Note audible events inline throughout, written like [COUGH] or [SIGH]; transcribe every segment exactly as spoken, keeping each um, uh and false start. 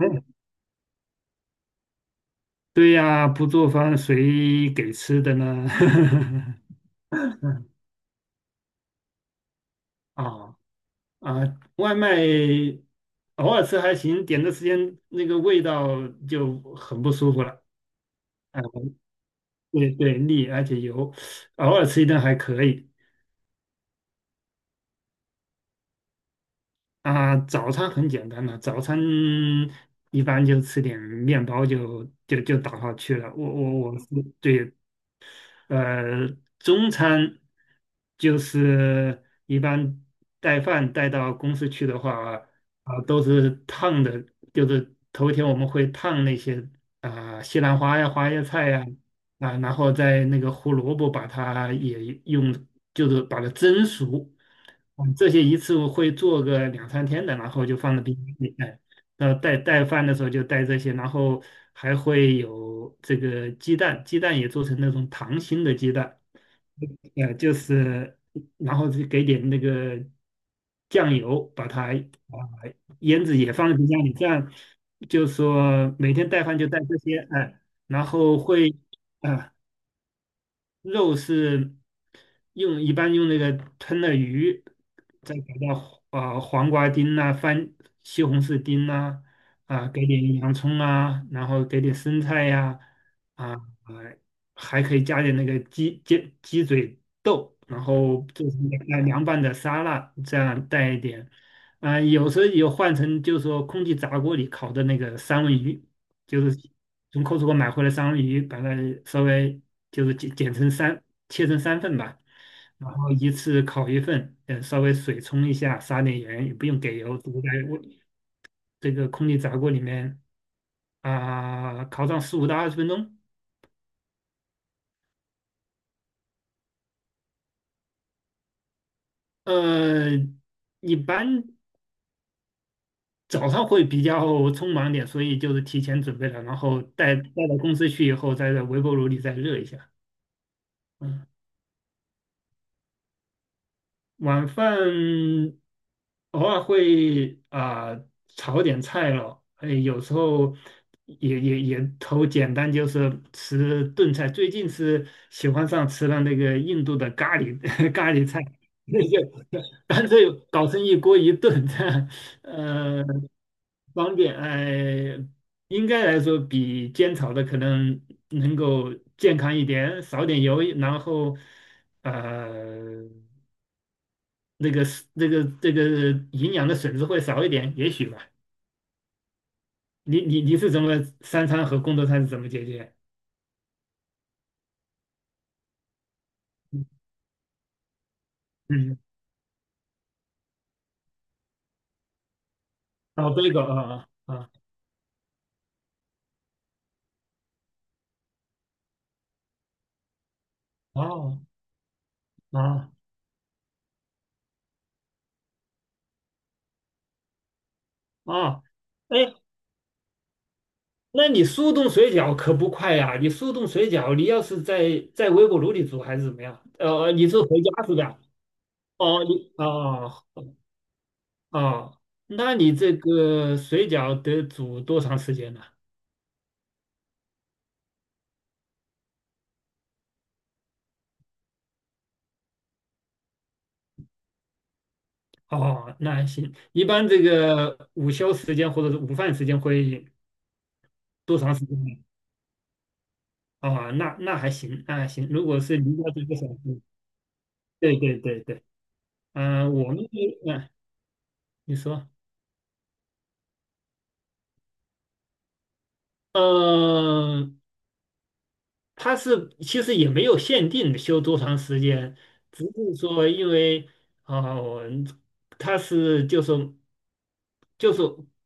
[LAUGHS] 嗯，对呀，不做饭谁给吃的呢？[LAUGHS] 啊啊，外卖偶尔吃还行，点的时间那个味道就很不舒服了。啊，对对，腻而且油，偶尔吃一顿还可以。啊，早餐很简单了，早餐一般就吃点面包就就就打发去了。我我我是对。呃，中餐就是一般带饭带到公司去的话，啊、都是烫的，就是头一天我们会烫那些啊、西兰花呀、花椰菜呀，啊、然后在那个胡萝卜把它也用，就是把它蒸熟，我们这些一次会做个两三天的，然后就放在冰箱里。哎，呃，带带饭的时候就带这些，然后还会有这个鸡蛋，鸡蛋也做成那种溏心的鸡蛋。呃，就是然后就给点那个酱油，把它啊腌制也放在冰箱里，这样就说每天带饭就带这些。哎，然后会啊、肉是用一般用那个吞了鱼，再给到呃黄瓜丁呐、番西红柿丁呐，啊，给点洋葱啊，然后给点生菜呀、啊，呃还可以加点那个鸡鸡鸡嘴豆，然后做成凉凉拌的沙拉，这样带一点。啊、有时候有换成就是说空气炸锅里烤的那个三文鱼，就是从 Costco 买回来三文鱼，把它稍微就是剪剪成三，切成三份吧，然后一次烤一份。呃，稍微水冲一下，撒点盐，也不用给油，直接在微这个空气炸锅里面啊、烤上十五到二十分钟。呃，一般早上会比较匆忙点，所以就是提前准备了，然后带带到公司去以后，再在微波炉里再热一下。嗯。晚饭偶尔会啊、炒点菜咯。哎，有时候也也也头简单就是吃炖菜。最近是喜欢上吃了那个印度的咖喱 [LAUGHS] 咖喱菜，那就干脆搞成一锅一炖，这样呃方便。哎，应该来说比煎炒的可能能够健康一点，少点油，然后呃。那个是那个这个营养的损失会少一点，也许吧。你你你是怎么三餐和工作餐是怎么解决？嗯。嗯。哦，这个啊啊啊，哦，啊啊！哎，那你速冻水饺可不快呀、你速冻水饺，你要是在在微波炉里煮还是怎么样？呃，你是回家是吧？哦，你。哦哦，那你这个水饺得煮多长时间呢？哦，那还行，一般这个午休时间或者是午饭时间会多长时间呢？哦，那那还行，那还行。如果是离家几个小时，对对对对。嗯、我们，嗯、呃你说。嗯。它是其实也没有限定修多长时间，只是说因为，哦，它是就是就是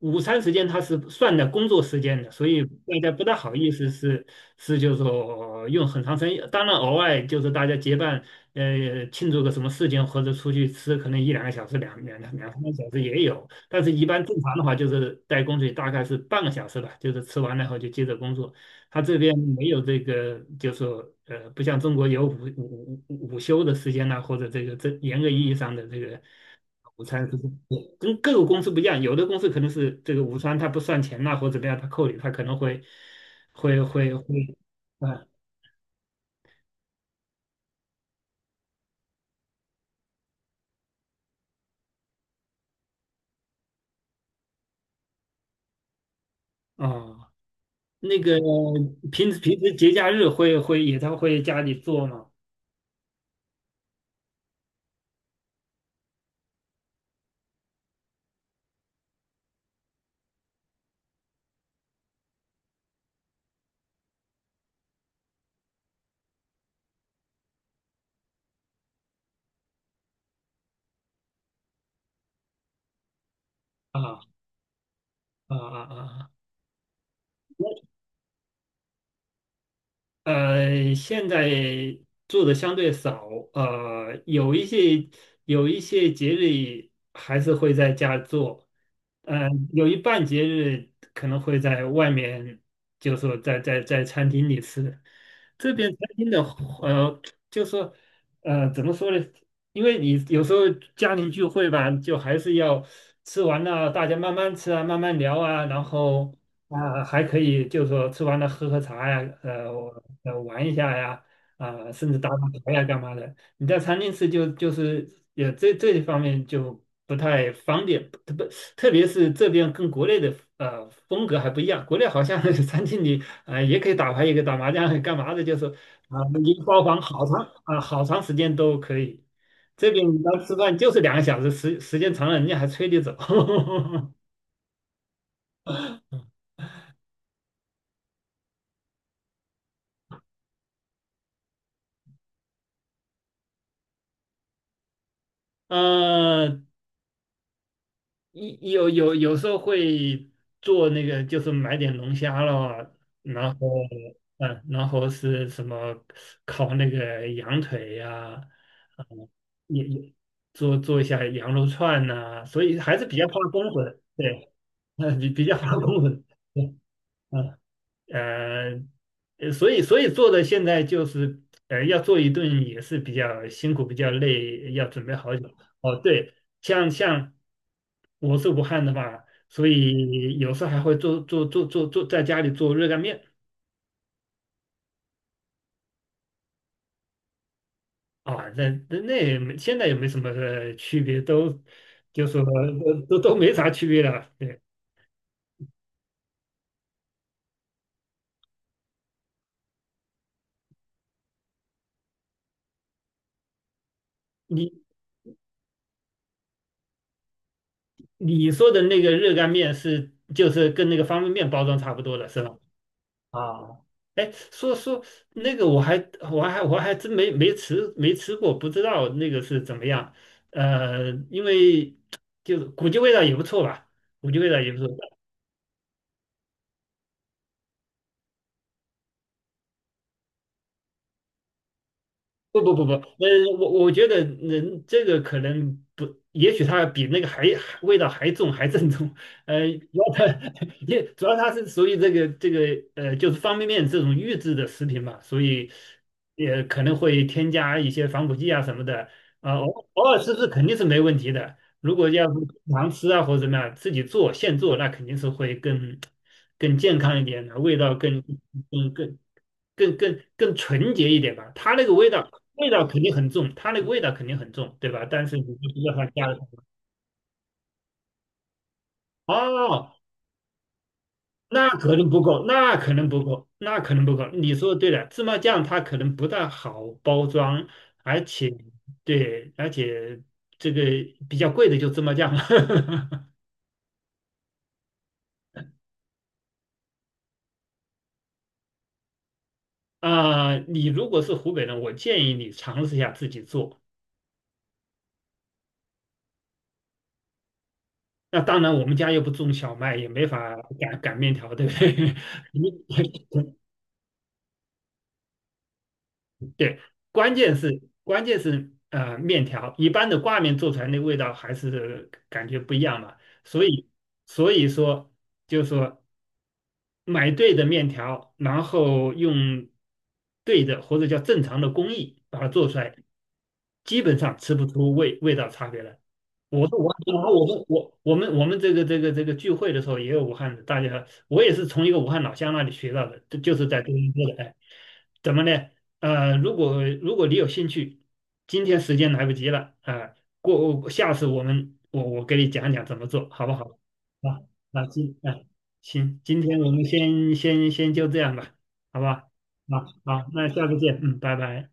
午餐时间它是算在工作时间的，所以大家不大好意思是是就是说用很长时间。当然，偶尔就是大家结伴呃庆祝个什么事情或者出去吃，可能一两个小时、两两两三个小时也有。但是，一般正常的话就是在工作大概是半个小时吧，就是吃完了以后就接着工作。他这边没有这个，就是说呃，不像中国有午午午午休的时间呐、或者这个这严格意义上的这个午餐，就是跟各个公司不一样。有的公司可能是这个午餐它不算钱呐、或者怎么样，他扣你，他可能会会会会，啊，哦，那个平时平时节假日会会也他会家里做吗？啊啊啊啊！呃，现在做的相对少。呃，有一些有一些节日还是会在家做。呃，有一半节日可能会在外面，就是说在在在餐厅里吃。这边餐厅的，呃，就是说，呃，怎么说呢？因为你有时候家庭聚会吧，就还是要吃完了，大家慢慢吃啊，慢慢聊啊，然后。啊，还可以，就是说吃完了喝喝茶呀，呃，呃玩一下呀，啊、甚至打打牌呀干嘛的。你在餐厅吃就就是也这这一方面就不太方便，特别特别是这边跟国内的呃风格还不一样，国内好像 [LAUGHS] 餐厅里啊、呃也可以打牌，也可以打麻将，干嘛的，就是啊、一个包房好长啊、好长时间都可以。这边你要吃饭就是两个小时，时时间长了人家还催你走。[LAUGHS] 嗯。有有有时候会做那个，就是买点龙虾咯，然后嗯，然后是什么烤那个羊腿呀、嗯，也也做做一下羊肉串呐，所以还是比较怕公混。对。[LAUGHS] 嗯，比比较怕公混。对。嗯。呃，呃所以所以做的现在就是，呃，要做一顿也是比较辛苦，比较累，要准备好久。哦，对。像像我是武汉的嘛，所以有时候还会做做做做做在家里做热干面。啊，那那那也没，现在也没什么呃区别，都就说，呃都都没啥区别了。对。你你说的那个热干面是就是跟那个方便面包装差不多的是吧？啊，哎，说说那个我还我还我还真没没吃没吃过，不知道那个是怎么样。呃，因为 [TSK] 就是估计味道也不错吧，估计味道也不错。不不不不，嗯，我我觉得人这个可能不，也许它比那个还还味道还重还正宗。呃，主要它 [LAUGHS] 也主要它是属于这个这个呃，就是方便面这种预制的食品嘛，所以也可能会添加一些防腐剂啊什么的。啊、偶偶尔吃吃肯定是没问题的，如果要是经常吃啊或者怎么样，自己做现做，那肯定是会更更健康一点的，味道更更更更更更纯洁一点吧。它那个味道味道肯定很重，它那个味道肯定很重，对吧？但是你就不知道它加了。哦，那可能不够，那可能不够，那可能不够。你说对了，芝麻酱它可能不大好包装，而且，对，而且这个比较贵的就芝麻酱了。[LAUGHS] 啊、你如果是湖北人，我建议你尝试一下自己做。那当然，我们家又不种小麦，也没法擀擀面条，对不对？[LAUGHS] 你 [LAUGHS] 对，关键是关键是呃，面条一般的挂面做出来那味道还是感觉不一样嘛。所以所以说，就是说买对的面条，然后用对的或者叫正常的工艺把它做出来，基本上吃不出味味道差别来。我是武汉，然后我们我我们我们这个这个这个聚会的时候也有武汉的，大家我也是从一个武汉老乡那里学到的，就就是在多伦多的。哎，怎么呢？呃，如果如果你有兴趣，今天时间来不及了啊，过下次我们我我给你讲讲怎么做，好不好？啊，那今啊行，今天我们先先先就这样吧，好吧？啊好，那下次见，嗯，拜拜。